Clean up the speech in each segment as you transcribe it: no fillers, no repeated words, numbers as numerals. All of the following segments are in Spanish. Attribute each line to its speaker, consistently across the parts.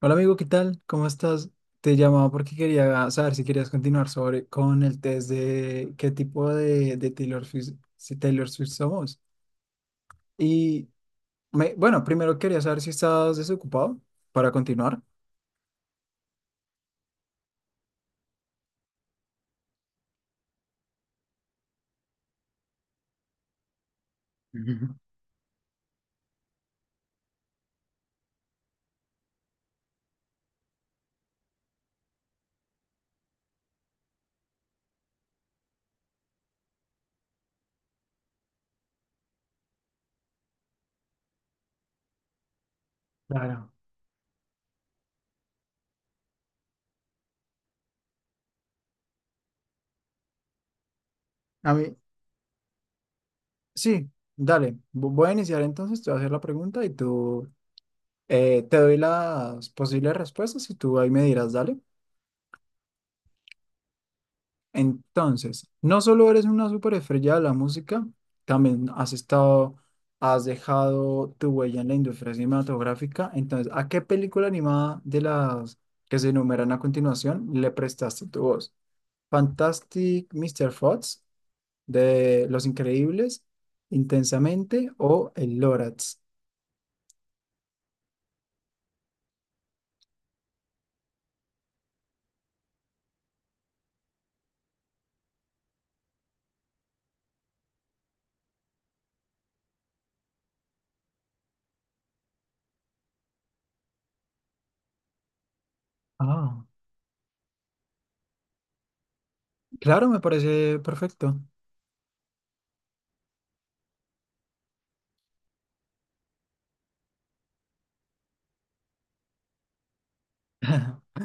Speaker 1: Hola amigo, ¿qué tal? ¿Cómo estás? Te llamaba porque quería saber si querías continuar sobre con el test de qué tipo de Taylor Swift, si Taylor Swift somos. Y bueno, primero quería saber si estás desocupado para continuar. Ujú. Claro. A mí, sí, dale. Voy a iniciar entonces, te voy a hacer la pregunta y tú te doy las posibles respuestas y tú ahí me dirás, dale. Entonces, no solo eres una superestrella de la música, también has dejado tu huella en la industria cinematográfica. Entonces, ¿a qué película animada de las que se enumeran a continuación le prestaste tu voz? ¿Fantastic Mr. Fox de Los Increíbles, Intensamente o El Lorax? Ah, claro, me parece perfecto.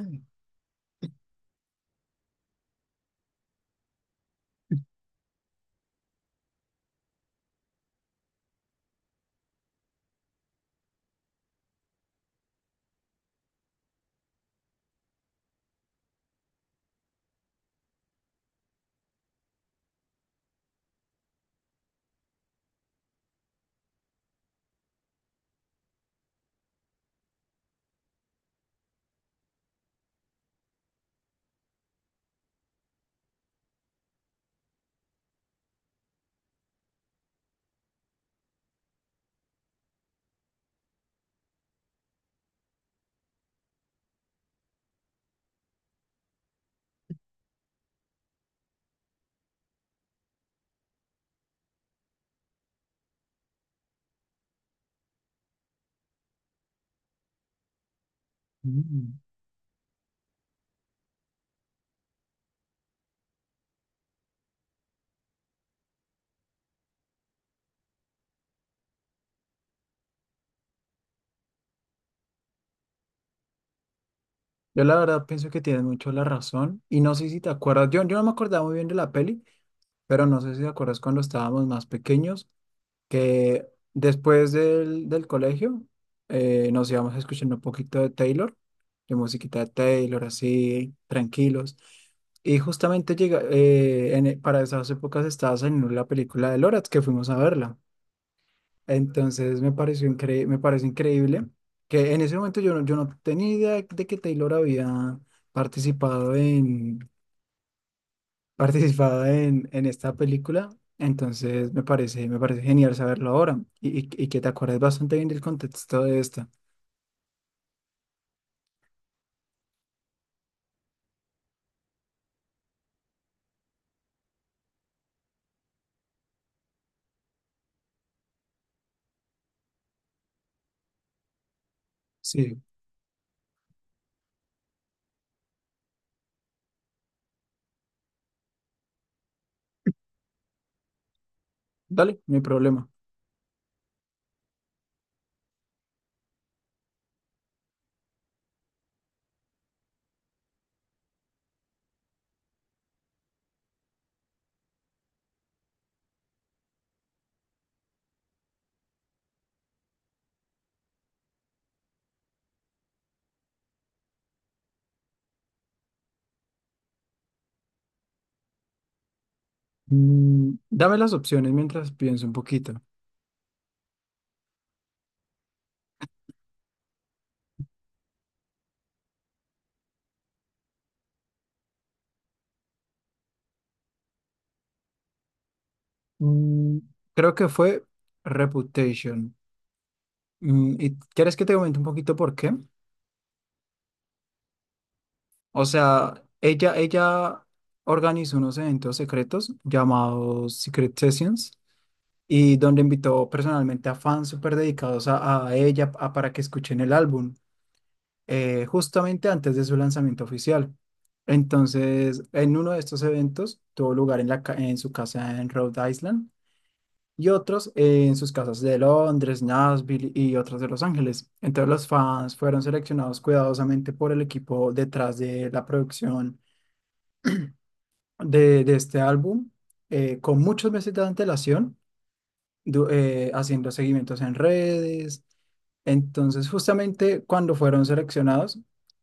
Speaker 1: Mm. Yo la verdad pienso que tienes mucho la razón y no sé si te acuerdas, yo no me acordaba muy bien de la peli, pero no sé si te acuerdas cuando estábamos más pequeños, que después del colegio nos íbamos escuchando un poquito de Taylor, de musiquita de Taylor, así, tranquilos. Y justamente llega, para esas épocas estaba saliendo la película de Lorax, que fuimos a verla. Entonces me parece increíble que en ese momento yo no tenía idea de que Taylor había participado en, participado en esta película. Entonces me parece genial saberlo ahora y que te acuerdes bastante bien del contexto de esta. Sí, dale, no hay problema. Mm, dame las opciones mientras pienso un poquito. Mm, creo que fue Reputation. Mm, ¿y quieres que te comente un poquito por qué? O sea, ella organizó unos eventos secretos llamados Secret Sessions y donde invitó personalmente a fans súper dedicados a ella para que escuchen el álbum justamente antes de su lanzamiento oficial. Entonces, en uno de estos eventos tuvo lugar en su casa en Rhode Island y otros en sus casas de Londres, Nashville y otros de Los Ángeles. Entonces, los fans fueron seleccionados cuidadosamente por el equipo detrás de la producción de este álbum con muchos meses de antelación, haciendo seguimientos en redes. Entonces, justamente cuando fueron seleccionados,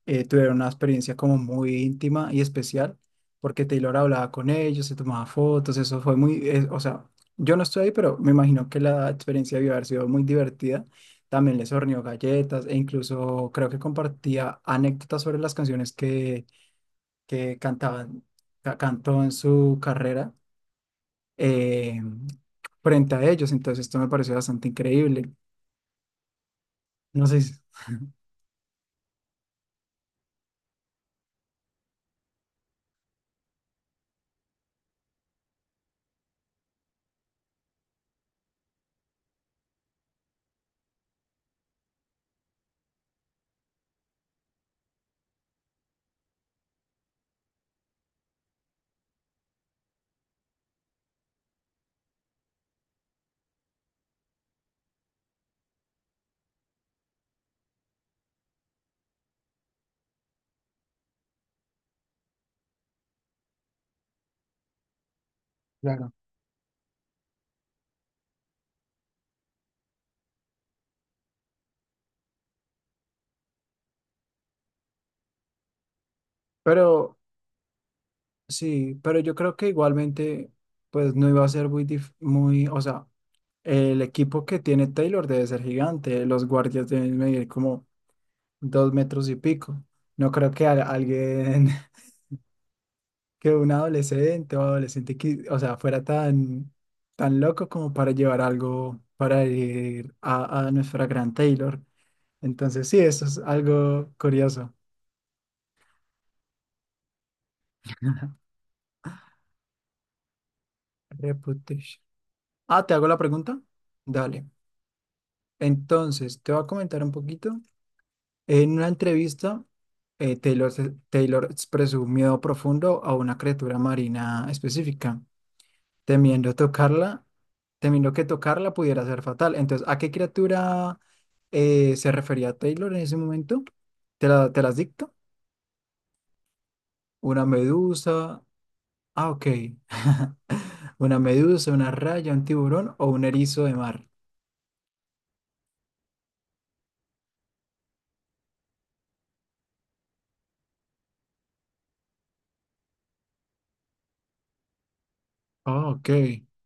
Speaker 1: tuvieron una experiencia como muy íntima y especial, porque Taylor hablaba con ellos, se tomaba fotos, eso fue o sea, yo no estoy ahí, pero me imagino que la experiencia debió haber sido muy divertida. También les horneó galletas e incluso creo que compartía anécdotas sobre las canciones que cantaban, cantó en su carrera eh, frente a ellos. Entonces esto me pareció bastante increíble. No sé si... Claro. Pero sí, pero yo creo que igualmente, pues no iba a ser o sea, el equipo que tiene Taylor debe ser gigante, los guardias deben medir como dos metros y pico. No creo que alguien, que un adolescente o adolescente, o sea, fuera tan, tan loco como para llevar algo para ir a nuestra gran Taylor. Entonces, sí, eso es algo curioso. Reputation. Ah, ¿te hago la pregunta? Dale. Entonces, te voy a comentar un poquito. En una entrevista, Taylor expresó un miedo profundo a una criatura marina específica, temiendo tocarla, temiendo que tocarla pudiera ser fatal. Entonces, ¿a qué criatura se refería Taylor en ese momento? ¿Te la, te las dicto? ¿Una medusa? Ah, ok. Una medusa, una raya, un tiburón o un erizo de mar. Ah, ok.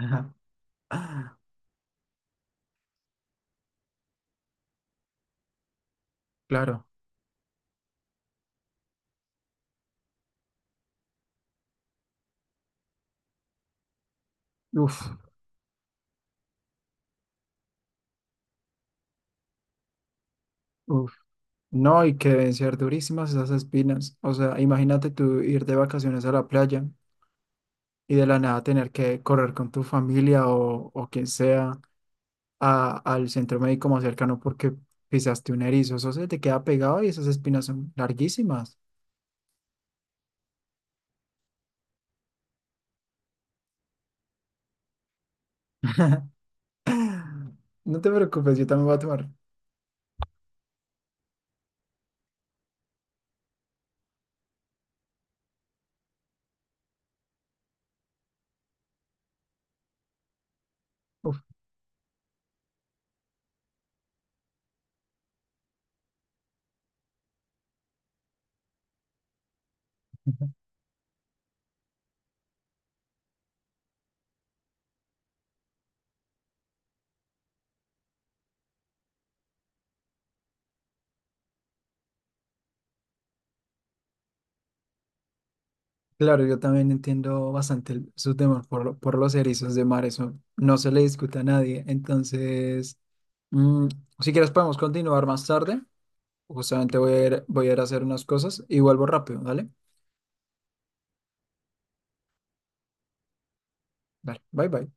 Speaker 1: Ajá. Ah, claro. Uf, uf. No, y que deben ser durísimas esas espinas. O sea, imagínate tú ir de vacaciones a la playa y de la nada tener que correr con tu familia o quien sea al centro médico más cercano porque pisaste un erizo. Eso se te queda pegado y esas espinas son larguísimas. No te preocupes, yo también voy a tomar. Uf. Claro, yo también entiendo bastante su temor por, por los erizos de mar, eso no se le discute a nadie. Entonces, mm, si quieres podemos continuar más tarde. Justamente voy a ir a hacer unas cosas y vuelvo rápido, ¿vale? Vale, bye bye.